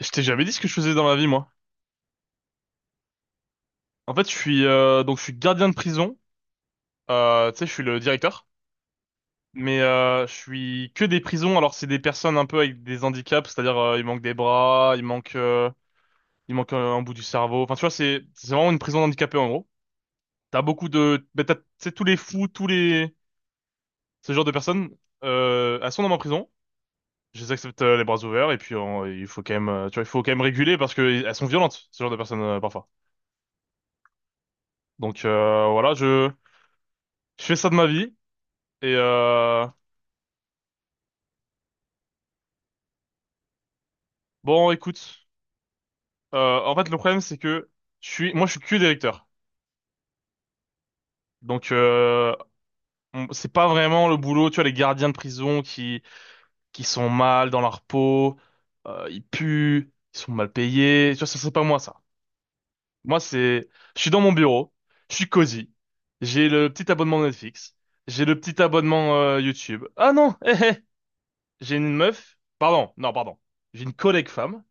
Je t'ai jamais dit ce que je faisais dans la vie, moi. En fait, je suis donc je suis gardien de prison. Tu sais, je suis le directeur, mais je suis que des prisons. Alors c'est des personnes un peu avec des handicaps, c'est-à-dire il manque des bras, il manque un bout du cerveau. Enfin, tu vois, c'est vraiment une prison d'handicapés en gros. T'as beaucoup de, ben, t'as, tu sais, tous les fous, tous les ce genre de personnes, elles sont dans ma prison. Je les accepte les bras ouverts et puis il faut quand même, tu vois, il faut quand même réguler parce que elles sont violentes, ce genre de personnes parfois. Donc voilà, je fais ça de ma vie. Et bon, écoute, en fait, le problème c'est que je suis que directeur. Donc, c'est pas vraiment le boulot. Tu vois, les gardiens de prison qui sont mal dans leur peau, ils puent, ils sont mal payés. Tu vois, ça c'est pas moi ça. Moi, c'est, je suis dans mon bureau, je suis cosy, j'ai le petit abonnement Netflix, j'ai le petit abonnement YouTube. Ah non, hé, hé, j'ai une meuf. Pardon, non, pardon. J'ai une collègue femme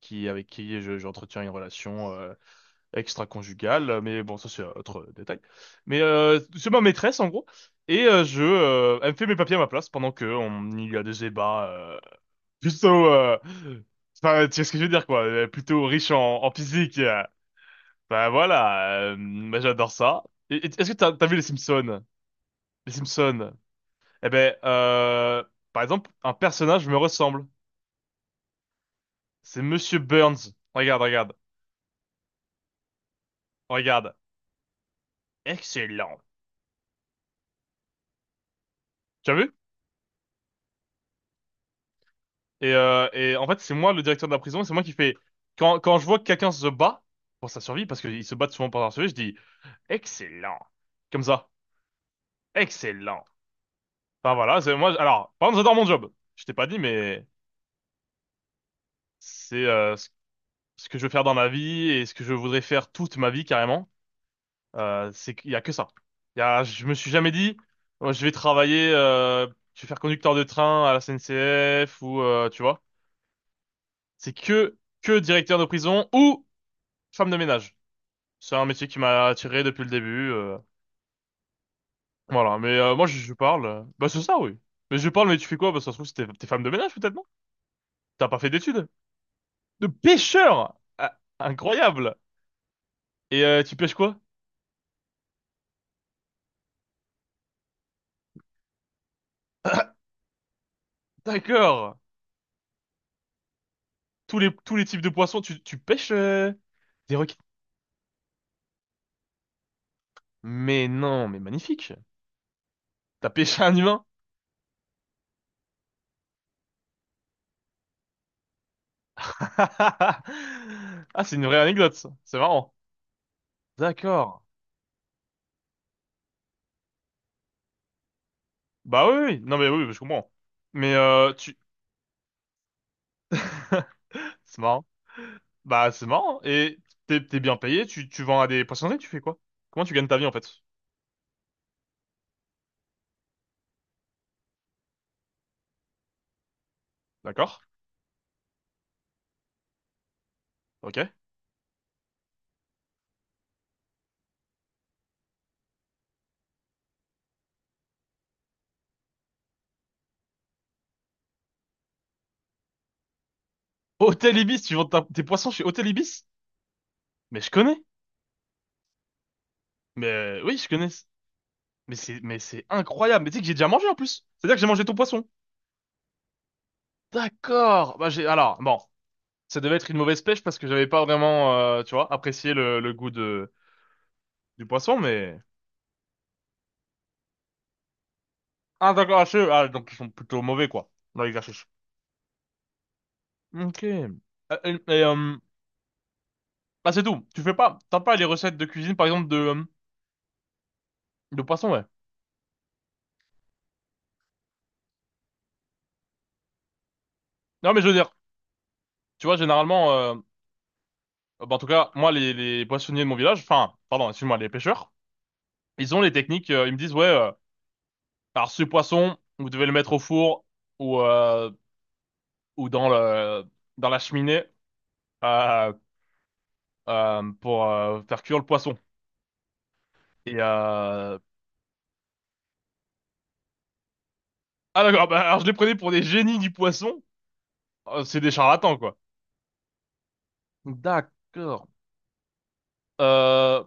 qui avec qui j'entretiens une relation extra-conjugale, mais bon, ça c'est autre détail. Mais c'est ma maîtresse en gros, et elle me fait mes papiers à ma place pendant que on il y a des débats plutôt, enfin tu sais ce que je veux dire quoi, plutôt riche en, en physique. Bah voilà, bah, j'adore ça. Est-ce que t'as vu les Simpsons? Les Simpsons. Eh ben, par exemple, un personnage me ressemble. C'est Monsieur Burns. Regarde, regarde, regarde. Excellent. Tu as vu? Et en fait, c'est moi le directeur de la prison, et c'est moi qui fais. Quand, quand je vois que quelqu'un se bat pour sa survie, parce qu'ils se battent souvent pour leur survie, je dis excellent. Comme ça. Excellent. Enfin voilà, c'est moi. Alors, par contre, j'adore mon job. Je t'ai pas dit, mais c'est ce que je veux faire dans ma vie et ce que je voudrais faire toute ma vie carrément. C'est qu'il y a que ça. Il y a, je me suis jamais dit, oh, je vais travailler, je vais faire conducteur de train à la SNCF ou tu vois. C'est que directeur de prison ou femme de ménage. C'est un métier qui m'a attiré depuis le début. Voilà, mais moi je parle. Bah c'est ça, oui. Mais je parle, mais tu fais quoi? Bah ça se trouve, t'es femme de ménage peut-être, non? T'as pas fait d'études? De pêcheur! Ah, incroyable! Et tu pêches quoi? D'accord! Tous les types de poissons, tu pêches des requins? Mais non, mais magnifique! T'as pêché un humain? Ah, c'est une vraie anecdote, ça. C'est marrant. D'accord. Bah oui, oui, oui. Non mais oui, oui, je comprends. Mais tu... C'est marrant. Bah, c'est marrant. Et t'es, t'es bien payé, tu vends à des poissonneries, tu fais quoi? Comment tu gagnes ta vie, en fait? D'accord. Ok. Hôtel Ibis, tes poissons chez Hôtel Ibis? Mais je connais. Mais oui, je connais. Mais c'est incroyable. Mais tu sais que j'ai déjà mangé, en plus. C'est-à-dire que j'ai mangé ton poisson. D'accord. Bah, j'ai, alors, bon. Ça devait être une mauvaise pêche parce que j'avais pas vraiment, tu vois, apprécié le goût de, du poisson, mais. Ah, d'accord, ah, ah, donc ils sont plutôt mauvais, quoi, dans l'exercice. Ok. Euh, Et, euh, Ah c'est tout. Tu fais pas, t'as pas les recettes de cuisine par exemple de poisson ouais. Non mais je veux dire, tu vois généralement, bah, en tout cas moi les poissonniers de mon village, enfin pardon excuse-moi les pêcheurs, ils ont les techniques. Ils me disent ouais, alors ce poisson vous devez le mettre au four ou euh, ou dans la cheminée euh, pour faire cuire le poisson. Et ah d'accord, bah, alors je les prenais pour des génies du poisson. C'est des charlatans quoi. D'accord. Euh,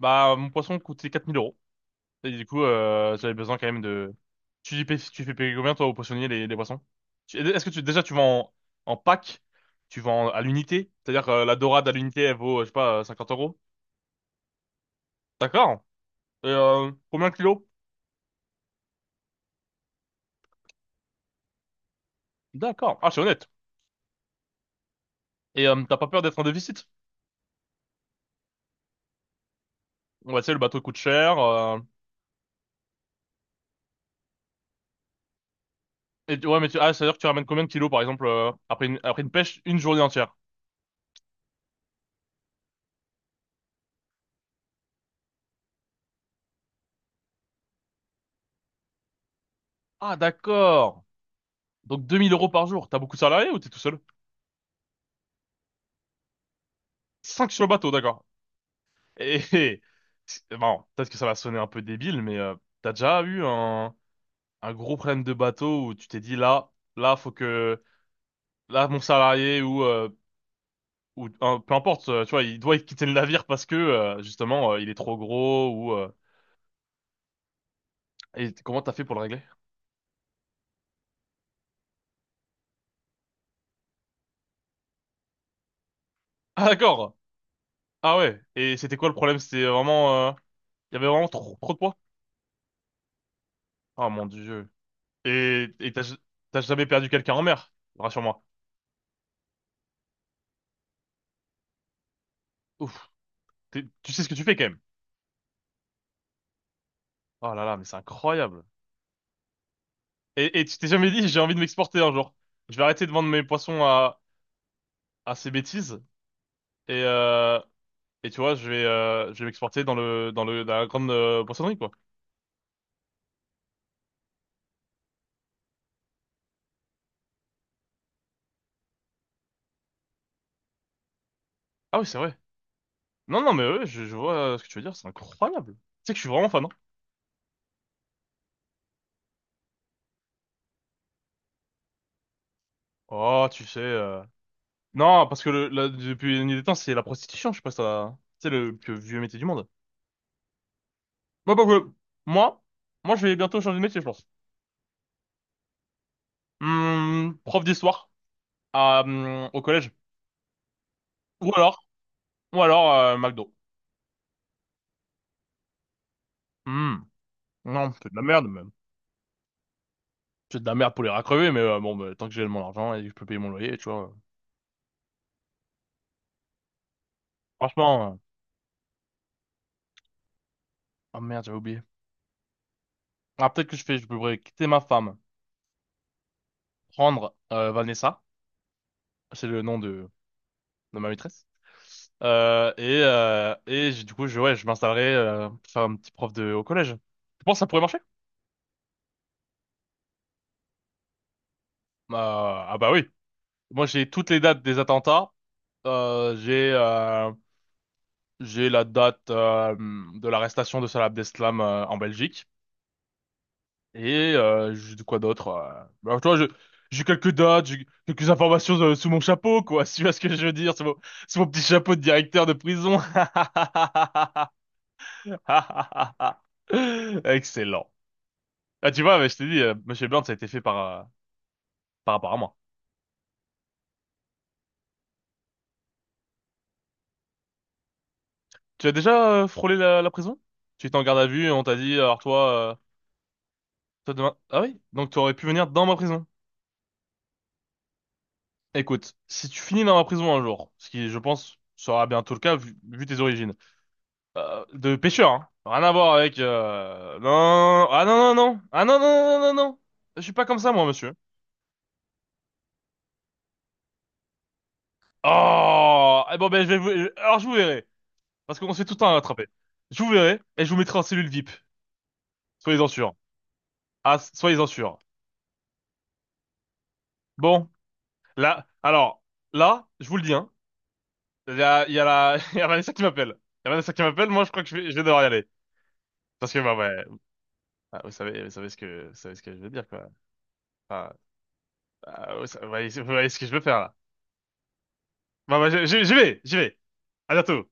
Bah mon poisson coûtait 4000 euros. Et du coup, j'avais besoin quand même de... Tu fais payer combien, toi, au poissonnier, les poissons? Est-ce que tu, déjà, tu vends en, en pack? Tu vends à l'unité? C'est-à-dire que la dorade à l'unité, elle vaut, je sais pas, 50 euros? D'accord. Et combien de kilos? D'accord. Ah, c'est honnête. Et t'as pas peur d'être en déficit? Ouais, tu sais, le bateau coûte cher. Et, ouais, mais tu... Ah, c'est-à-dire que tu ramènes combien de kilos, par exemple, après une pêche, une journée entière? Ah, d'accord. Donc 2 000 € par jour. T'as beaucoup de salariés ou t'es tout seul? Cinq sur le bateau, d'accord. Et bon, peut-être que ça va sonner un peu débile, mais t'as déjà eu un gros problème de bateau où tu t'es dit là, là, faut que là mon salarié ou peu importe, tu vois, il doit quitter le navire parce que justement il est trop gros ou et comment t'as fait pour le régler? Ah d'accord. Ah ouais. Et c'était quoi le problème? C'était vraiment il y avait vraiment trop, trop de poids. Oh mon Dieu. Et t'as jamais perdu quelqu'un en mer? Rassure-moi. Ouf. Tu sais ce que tu fais quand même. Oh là là, mais c'est incroyable. Et tu t'es jamais dit, j'ai envie de m'exporter un jour. Je vais arrêter de vendre mes poissons à ces bêtises. Et, euh, et tu vois, je vais m'exporter dans la grande poissonnerie, quoi. Ah oui, c'est vrai. Non, non, mais ouais, je vois ce que tu veux dire, c'est incroyable. Tu sais que je suis vraiment fan, hein. Oh, tu sais. Non, parce que depuis la nuit des temps, c'est la prostitution, je sais pas si t'as- C'est le plus vieux métier du monde. Moi, pas que- Moi, moi, je vais bientôt changer de métier, je pense. Prof d'histoire à, au collège. Ou alors, ou alors McDo. Hmm. Non, c'est de la merde, même. C'est de la merde pour les racrever, mais bon, bah, tant que j'ai mon argent et que je peux payer mon loyer, tu vois. Franchement, oh merde, j'avais oublié. Ah, peut-être que je fais, je pourrais quitter ma femme, prendre Vanessa, c'est le nom de ma maîtresse, et du coup, je, ouais, je m'installerai pour faire un petit prof de, au collège. Tu penses que ça pourrait marcher? Ah bah oui. Moi, j'ai toutes les dates des attentats. J'ai j'ai la date de l'arrestation de Salah Abdeslam en Belgique. Et de quoi d'autre? Bah, alors, tu vois, j'ai quelques dates, j'ai quelques informations sous mon chapeau, quoi. Si tu vois ce que je veux dire, sous mon petit chapeau de directeur de prison. Excellent. Ah, tu vois, mais je t'ai dit, Monsieur Burns, ça a été fait par, par rapport à moi. Tu as déjà frôlé la, la prison? Tu étais en garde à vue et on t'a dit, alors toi, toi demain... Ah oui? Donc tu aurais pu venir dans ma prison. Écoute, si tu finis dans ma prison un jour, ce qui, je pense, sera bientôt le cas vu tes origines, de pêcheur, hein. Rien à voir avec... Non, ah non, non, non. Ah non, non, non, non, non. Non. Je suis pas comme ça, moi, monsieur. Oh! Eh bon, ben, je vais vous... Alors, je vous verrai. Parce qu'on se fait tout le temps attraper. Je vous verrai et je vous mettrai en cellule VIP. Soyez-en sûrs. Ah, soyez-en sûrs. Bon, là... Alors, là, je vous le dis, hein. Il y a la... Il y a Vanessa qui m'appelle. Il y a Vanessa qui m'appelle, moi, je crois que je vais devoir y aller. Parce que, bah, ouais... ah, vous savez, vous savez ce que je veux dire, quoi. Enfin, ah, vous voyez ce que je veux faire, là. Bah, bah, j'y vais, j'y vais. À bientôt.